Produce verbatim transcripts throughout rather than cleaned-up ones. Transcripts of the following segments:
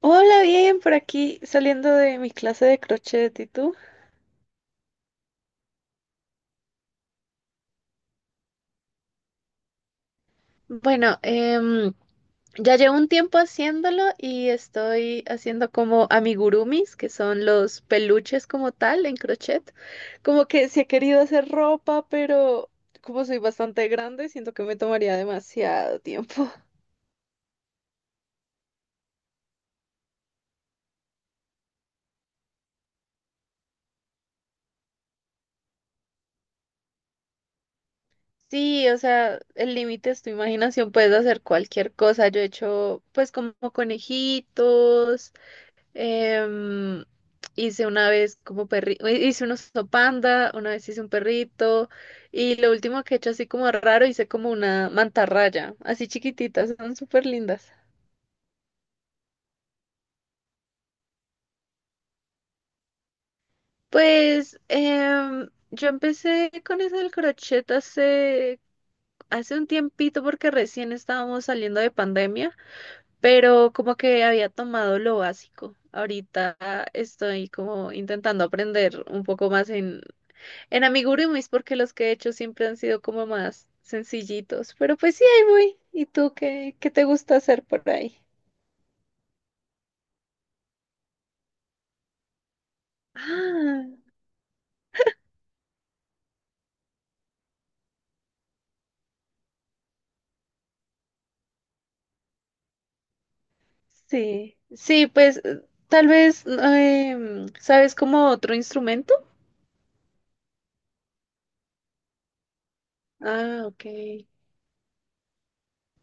Hola, bien, por aquí saliendo de mi clase de crochet, ¿y tú? Bueno, em, ya llevo un tiempo haciéndolo y estoy haciendo como amigurumis, que son los peluches como tal en crochet. Como que sí he querido hacer ropa, pero como soy bastante grande, siento que me tomaría demasiado tiempo. Sí, o sea, el límite es tu imaginación, puedes hacer cualquier cosa. Yo he hecho pues como conejitos. Em, hice una vez como perrito, hice un oso panda, una vez hice un perrito y lo último que he hecho así como raro, hice como una mantarraya, así chiquititas, son súper lindas. Pues em, yo empecé con eso del crochet hace, hace un tiempito porque recién estábamos saliendo de pandemia, pero como que había tomado lo básico. Ahorita estoy como intentando aprender un poco más en En amigurumis, porque los que he hecho siempre han sido como más sencillitos. Pero pues sí, ahí voy. ¿Y tú qué, qué te gusta hacer por ahí? Ah, sí. Sí, pues eh, tal vez, em, ¿sabes como otro instrumento? Ah, ok.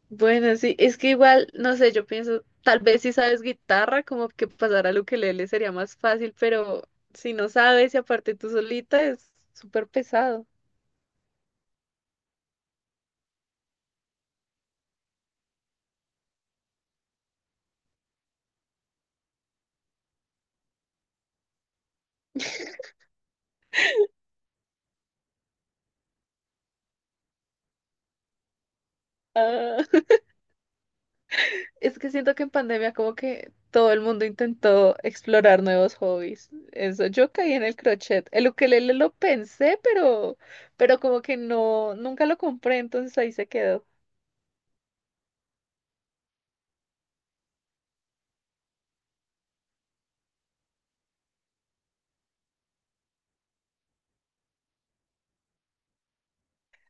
Bueno, sí, es que igual, no sé, yo pienso, tal vez si sabes guitarra, como que pasar al ukelele sería más fácil, pero si no sabes y aparte tú solita es súper pesado. Es que siento que en pandemia como que todo el mundo intentó explorar nuevos hobbies. Eso, yo caí en el crochet. El ukelele lo pensé, pero, pero como que no, nunca lo compré, entonces ahí se quedó.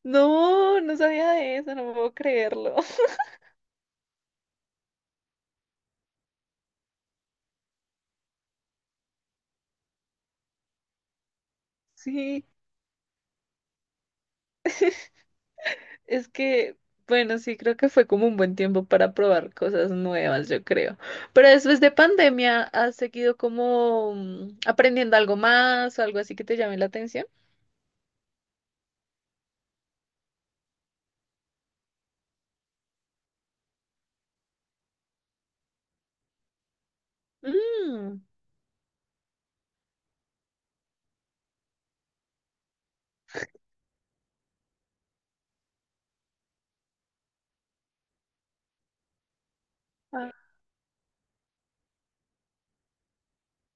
No, no sabía de eso, no puedo creerlo. Sí, es que, bueno, sí, creo que fue como un buen tiempo para probar cosas nuevas, yo creo. Pero después de pandemia, ¿has seguido como mm, aprendiendo algo más o algo así que te llame la atención? Mm.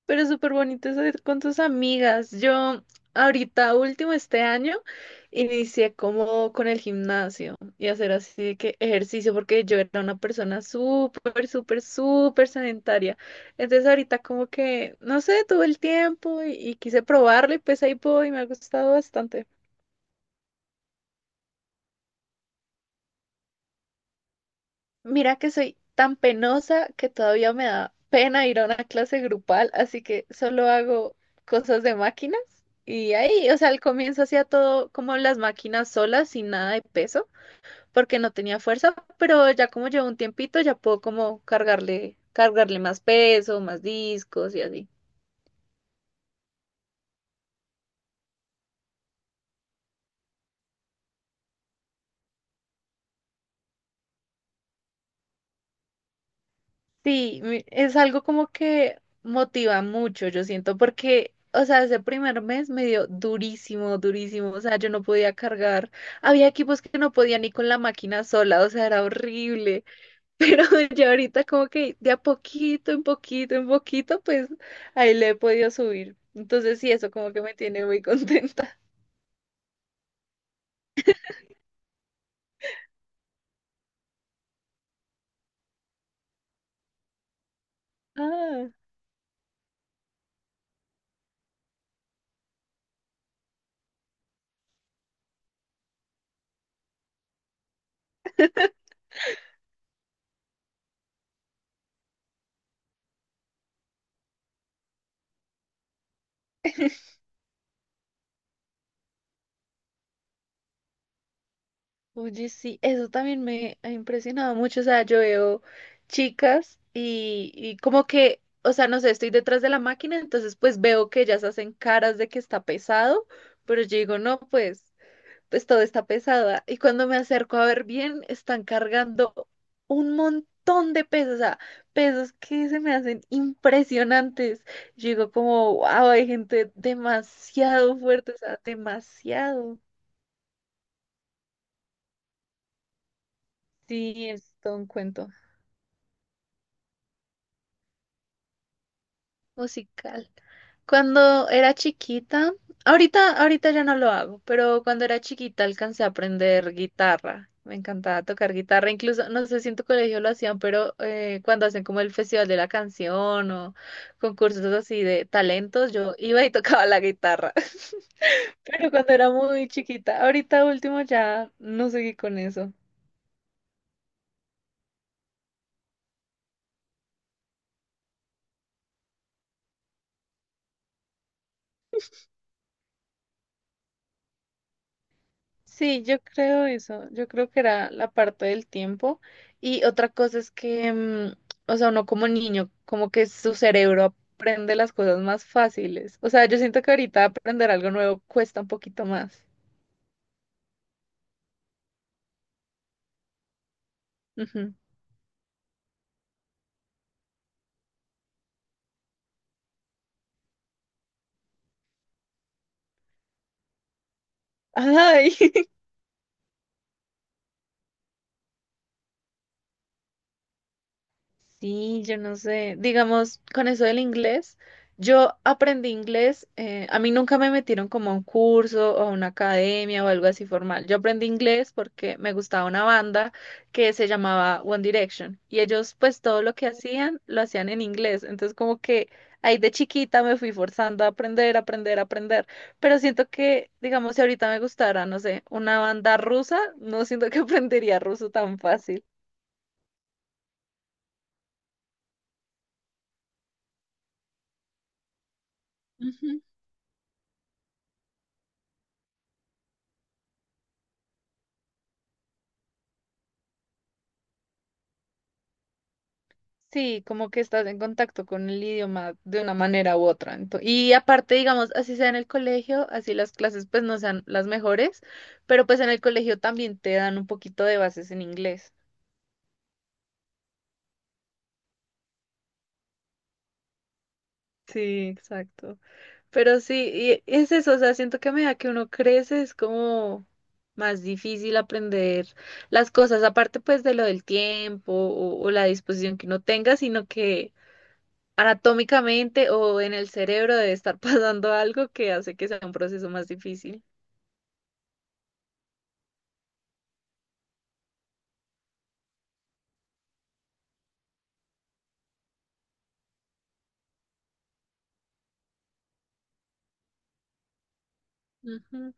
Pero es súper bonito eso de ir con tus amigas. Yo ahorita, último este año, inicié como con el gimnasio y hacer así de que ejercicio, porque yo era una persona súper, súper, súper sedentaria. Entonces ahorita como que, no sé, tuve el tiempo y, y quise probarlo y pues ahí voy y me ha gustado bastante. Mira que soy tan penosa que todavía me da pena ir a una clase grupal, así que solo hago cosas de máquinas. Y ahí, o sea, al comienzo hacía todo como las máquinas solas, sin nada de peso, porque no tenía fuerza, pero ya como llevo un tiempito, ya puedo como cargarle, cargarle más peso, más discos y así. Sí, mi- es algo como que motiva mucho, yo siento, porque, o sea, ese primer mes me dio durísimo, durísimo, o sea, yo no podía cargar, había equipos que no podía ni con la máquina sola, o sea, era horrible, pero ya ahorita como que de a poquito, en poquito, en poquito, pues ahí le he podido subir. Entonces sí, eso como que me tiene muy contenta. Ah. Oye, sí, eso también me ha impresionado mucho. O sea, yo veo chicas y, y como que, o sea, no sé, estoy detrás de la máquina, entonces pues veo que ellas hacen caras de que está pesado, pero yo digo, no, pues, pues todo está pesado. Y cuando me acerco a ver bien, están cargando un montón de pesos, o sea, pesos que se me hacen impresionantes. Yo digo como, wow, hay gente demasiado fuerte, o sea, demasiado. Sí, es todo un cuento. Musical. Cuando era chiquita, ahorita, ahorita ya no lo hago, pero cuando era chiquita alcancé a aprender guitarra. Me encantaba tocar guitarra, incluso, no sé si en tu colegio lo hacían, pero eh, cuando hacen como el Festival de la Canción o concursos así de talentos, yo iba y tocaba la guitarra, pero cuando era muy chiquita, ahorita último ya no seguí con eso. Sí, yo creo eso. Yo creo que era la parte del tiempo. Y otra cosa es que, mm, o sea, uno como niño, como que su cerebro aprende las cosas más fáciles. O sea, yo siento que ahorita aprender algo nuevo cuesta un poquito más. Ujú. Ay. Sí, yo no sé. Digamos, con eso del inglés, yo aprendí inglés. Eh, a mí nunca me metieron como a un curso o a una academia o algo así formal. Yo aprendí inglés porque me gustaba una banda que se llamaba One Direction y ellos pues todo lo que hacían lo hacían en inglés. Entonces como que ahí de chiquita me fui forzando a aprender, aprender, aprender. Pero siento que, digamos, si ahorita me gustara, no sé, una banda rusa, no siento que aprendería ruso tan fácil. Sí, como que estás en contacto con el idioma de una manera u otra. Ento- y aparte, digamos, así sea en el colegio, así las clases pues no sean las mejores, pero pues en el colegio también te dan un poquito de bases en inglés. Sí, exacto. Pero sí, y es eso, o sea, siento que a medida que uno crece es como más difícil aprender las cosas, aparte pues de lo del tiempo o, o la disposición que uno tenga, sino que anatómicamente o en el cerebro debe estar pasando algo que hace que sea un proceso más difícil. Ujú.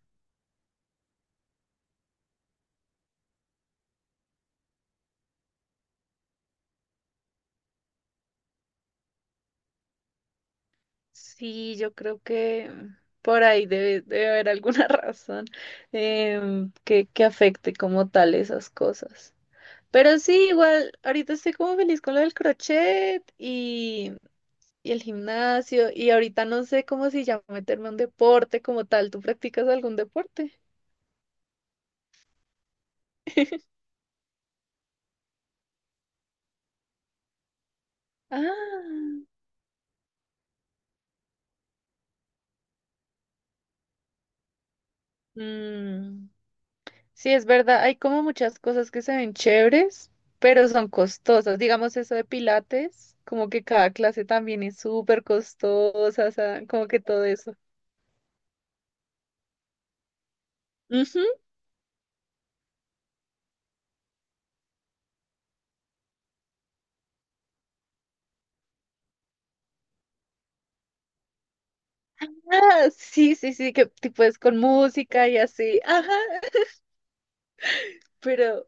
Sí, yo creo que por ahí debe, debe haber alguna razón em, que, que afecte como tal esas cosas. Pero sí, igual, ahorita estoy como feliz con lo del crochet y, y el gimnasio y ahorita no sé cómo si ya meterme a un deporte como tal. ¿Tú practicas algún deporte? Ah. Mm. Sí, es verdad, hay como muchas cosas que se ven chéveres, pero son costosas. Digamos eso de Pilates, como que cada clase también es súper costosa, o sea, como que todo eso. Ujú. Ah, sí, sí, sí, que tipo es con música y así. Ajá, pero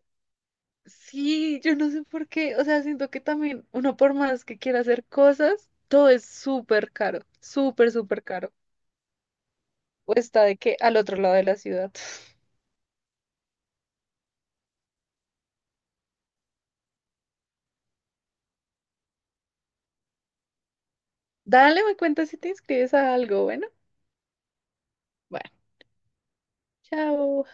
sí, yo no sé por qué, o sea, siento que también uno por más que quiera hacer cosas, todo es súper caro, súper, súper caro. O está de que al otro lado de la ciudad. Dale, me cuenta si te inscribes a algo, bueno. Bueno, chao.